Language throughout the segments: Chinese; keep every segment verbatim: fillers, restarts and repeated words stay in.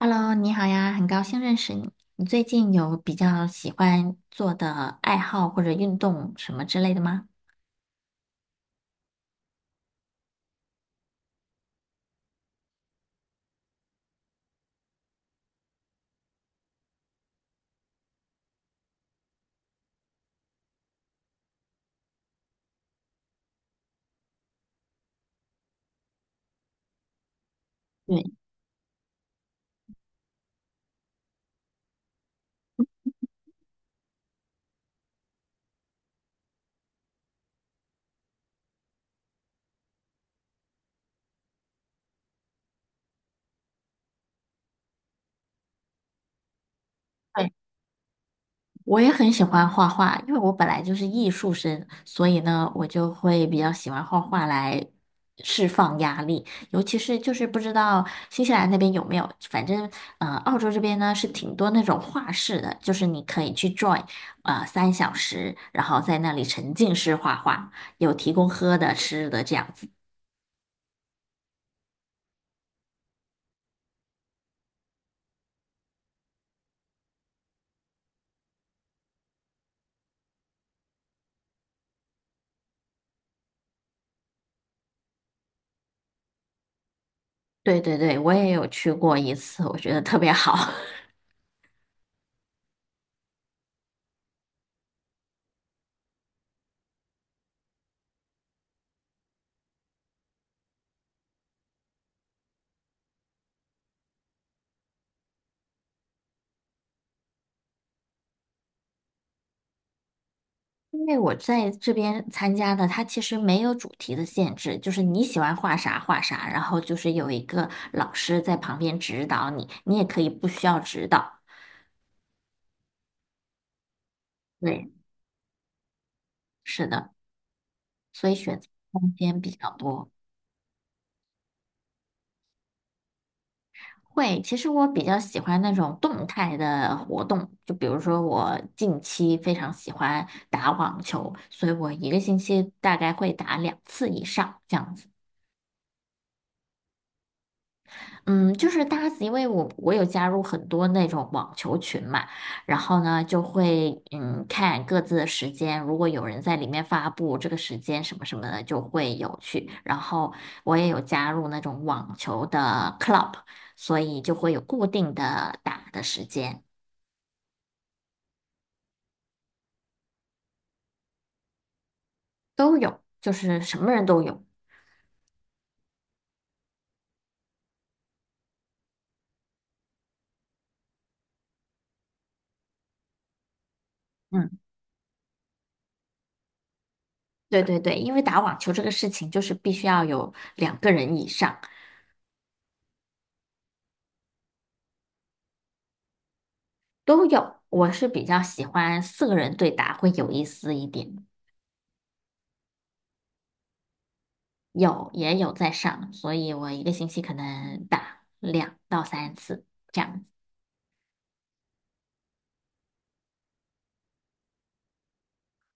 Hello，你好呀，很高兴认识你。你最近有比较喜欢做的爱好或者运动什么之类的吗？对，对，我也很喜欢画画，因为我本来就是艺术生，所以呢，我就会比较喜欢画画来释放压力。尤其是就是不知道新西兰那边有没有，反正呃，澳洲这边呢是挺多那种画室的，就是你可以去 join，呃，三小时，然后在那里沉浸式画画，有提供喝的、吃的这样子。对对对，我也有去过一次，我觉得特别好。因为我在这边参加的，它其实没有主题的限制，就是你喜欢画啥画啥，然后就是有一个老师在旁边指导你，你也可以不需要指导。对，是的，所以选择空间比较多。会，其实我比较喜欢那种动态的活动，就比如说我近期非常喜欢打网球，所以我一个星期大概会打两次以上这样子。嗯，就是搭子，因为我我有加入很多那种网球群嘛，然后呢就会嗯看各自的时间，如果有人在里面发布这个时间什么什么的，就会有去。然后我也有加入那种网球的 club，所以就会有固定的打的时间，都有，就是什么人都有。嗯，对对对，因为打网球这个事情就是必须要有两个人以上都有，我是比较喜欢四个人对打会有意思一点。有也有在上，所以我一个星期可能打两到三次这样子。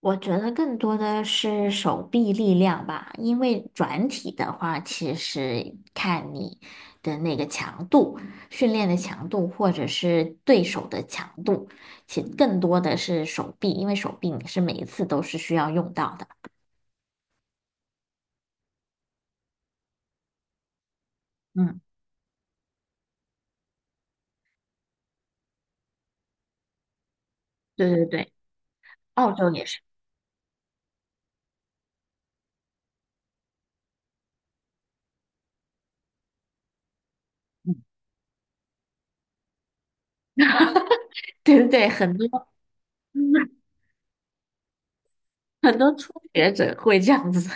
我觉得更多的是手臂力量吧，因为转体的话，其实看你的那个强度、训练的强度，或者是对手的强度，其实更多的是手臂，因为手臂你是每一次都是需要用到的。嗯，对对对，澳洲也是，嗯，对对对，很多 很多初学者会这样子。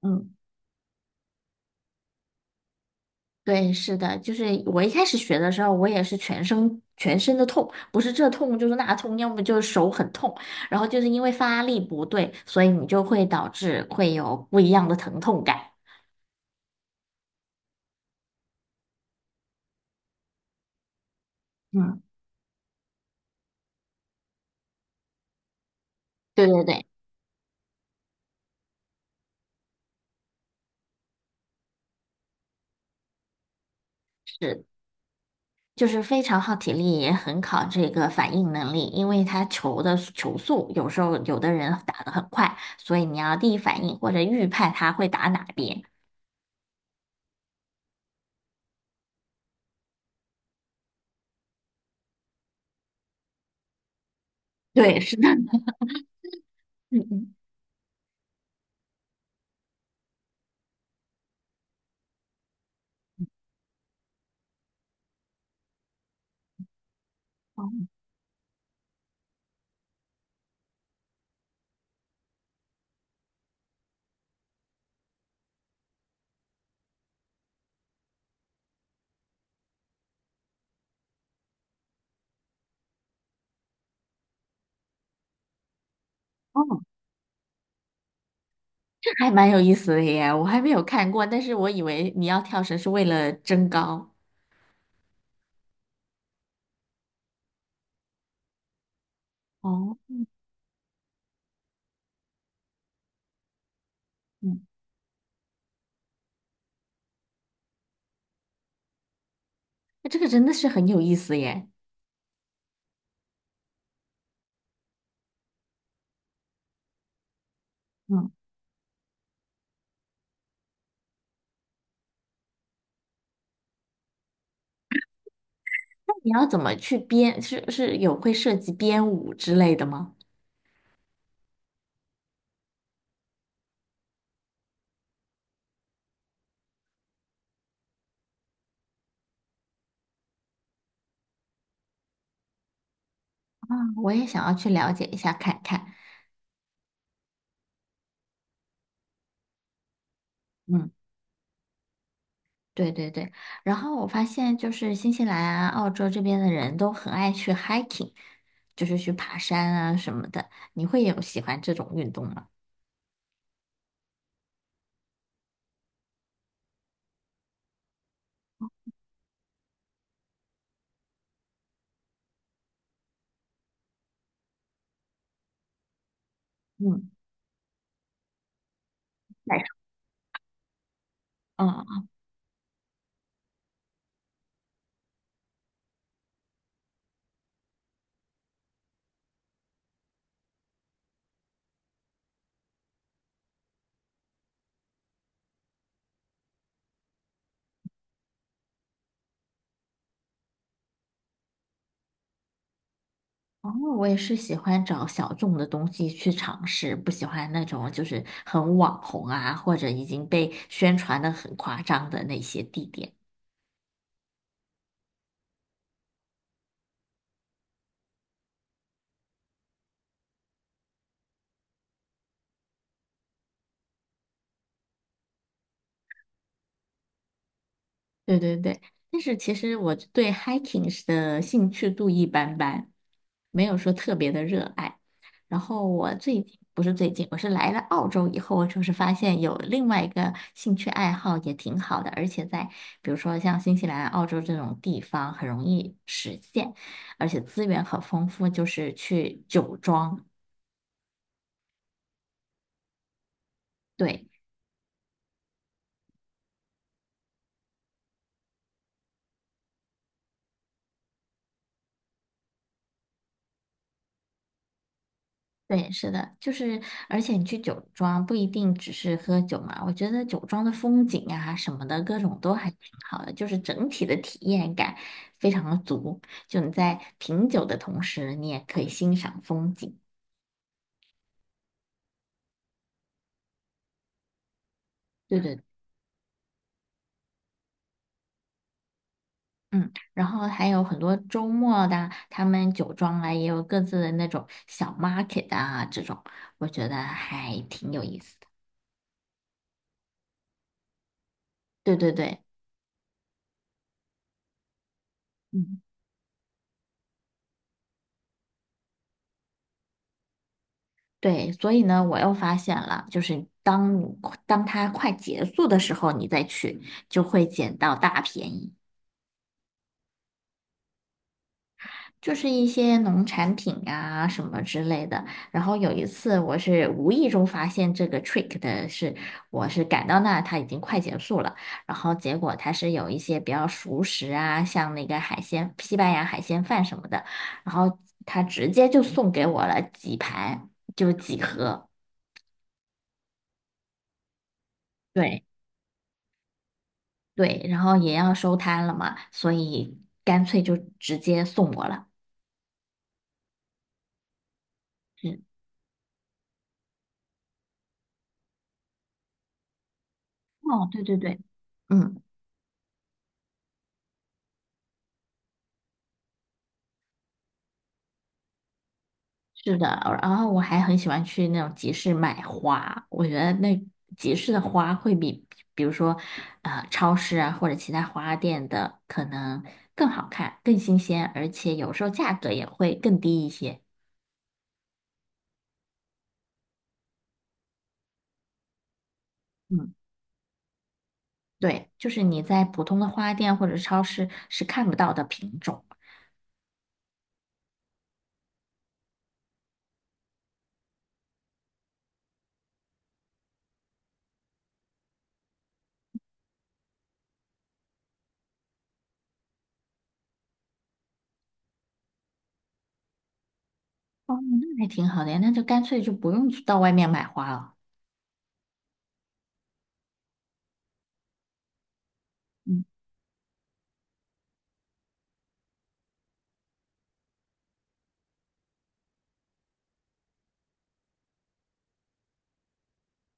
嗯。对，是的，就是我一开始学的时候，我也是全身全身的痛，不是这痛就是那痛，要么就是手很痛，然后就是因为发力不对，所以你就会导致会有不一样的疼痛感。嗯，对对对，是，就是非常耗体力，也很考这个反应能力，因为它球的球速有时候有的人打得很快，所以你要第一反应或者预判他会打哪边。对，是的，嗯嗯。哦，还蛮有意思的耶，我还没有看过，但是我以为你要跳绳是为了增高。哦，嗯，那这个真的是很有意思耶。嗯，那你要怎么去编？是是有会涉及编舞之类的吗？啊，我也想要去了解一下看看。嗯，对对对。然后我发现就是新西兰啊、澳洲这边的人都很爱去 hiking，就是去爬山啊什么的。你会有喜欢这种运动吗？嗯，来说。哦，我也是喜欢找小众的东西去尝试，不喜欢那种就是很网红啊，或者已经被宣传的很夸张的那些地点。对对对，但是其实我对 hiking 是的兴趣度一般般，没有说特别的热爱。然后我最近不是最近，我是来了澳洲以后，我就是发现有另外一个兴趣爱好也挺好的，而且在比如说像新西兰、澳洲这种地方很容易实现，而且资源很丰富，就是去酒庄。对。对，是的，就是，而且你去酒庄不一定只是喝酒嘛，我觉得酒庄的风景啊什么的，各种都还挺好的，就是整体的体验感非常的足。就你在品酒的同时，你也可以欣赏风景。对对嗯，然后还有很多周末的，他们酒庄啊也有各自的那种小 market 啊，这种我觉得还挺有意思的。对对对，嗯。对，所以呢，我又发现了，就是当你当它快结束的时候，你再去就会捡到大便宜，就是一些农产品啊什么之类的。然后有一次，我是无意中发现这个 trick 的是，我是赶到那它已经快结束了，然后结果它是有一些比较熟食啊，像那个海鲜，西班牙海鲜饭什么的，然后他直接就送给我了几盘，就几盒。对，对，然后也要收摊了嘛，所以干脆就直接送我了。嗯，哦，对对对，嗯，是的，然后我还很喜欢去那种集市买花，我觉得那集市的花会比，比如说，呃，超市啊或者其他花店的可能更好看、更新鲜，而且有时候价格也会更低一些。嗯，对，就是你在普通的花店或者超市是看不到的品种。哦，那还挺好的呀，那就干脆就不用去到外面买花了。嗯，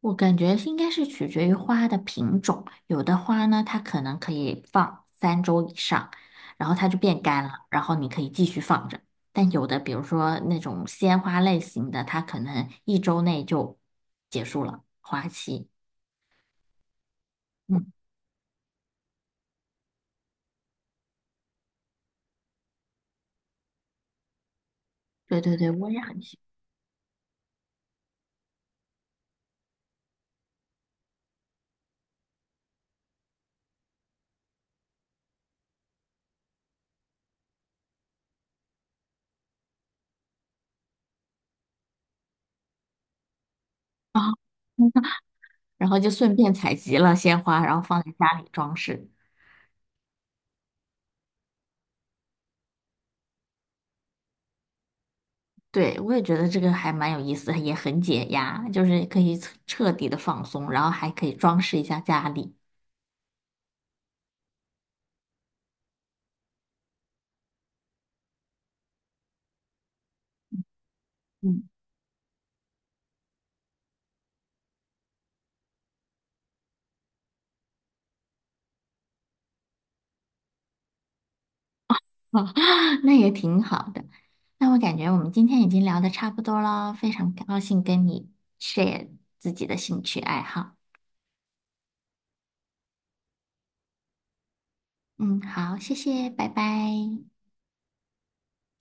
我感觉应该是取决于花的品种，有的花呢，它可能可以放三周以上，然后它就变干了，然后你可以继续放着。但有的，比如说那种鲜花类型的，它可能一周内就结束了花期。嗯，对对对，我也很喜欢。然后就顺便采集了鲜花，然后放在家里装饰。对，我也觉得这个还蛮有意思的也很解压，就是可以彻彻底的放松，然后还可以装饰一下家里，嗯，那也挺好的。那我感觉我们今天已经聊的差不多了，非常高兴跟你 share 自己的兴趣爱好。嗯，好，谢谢，拜拜。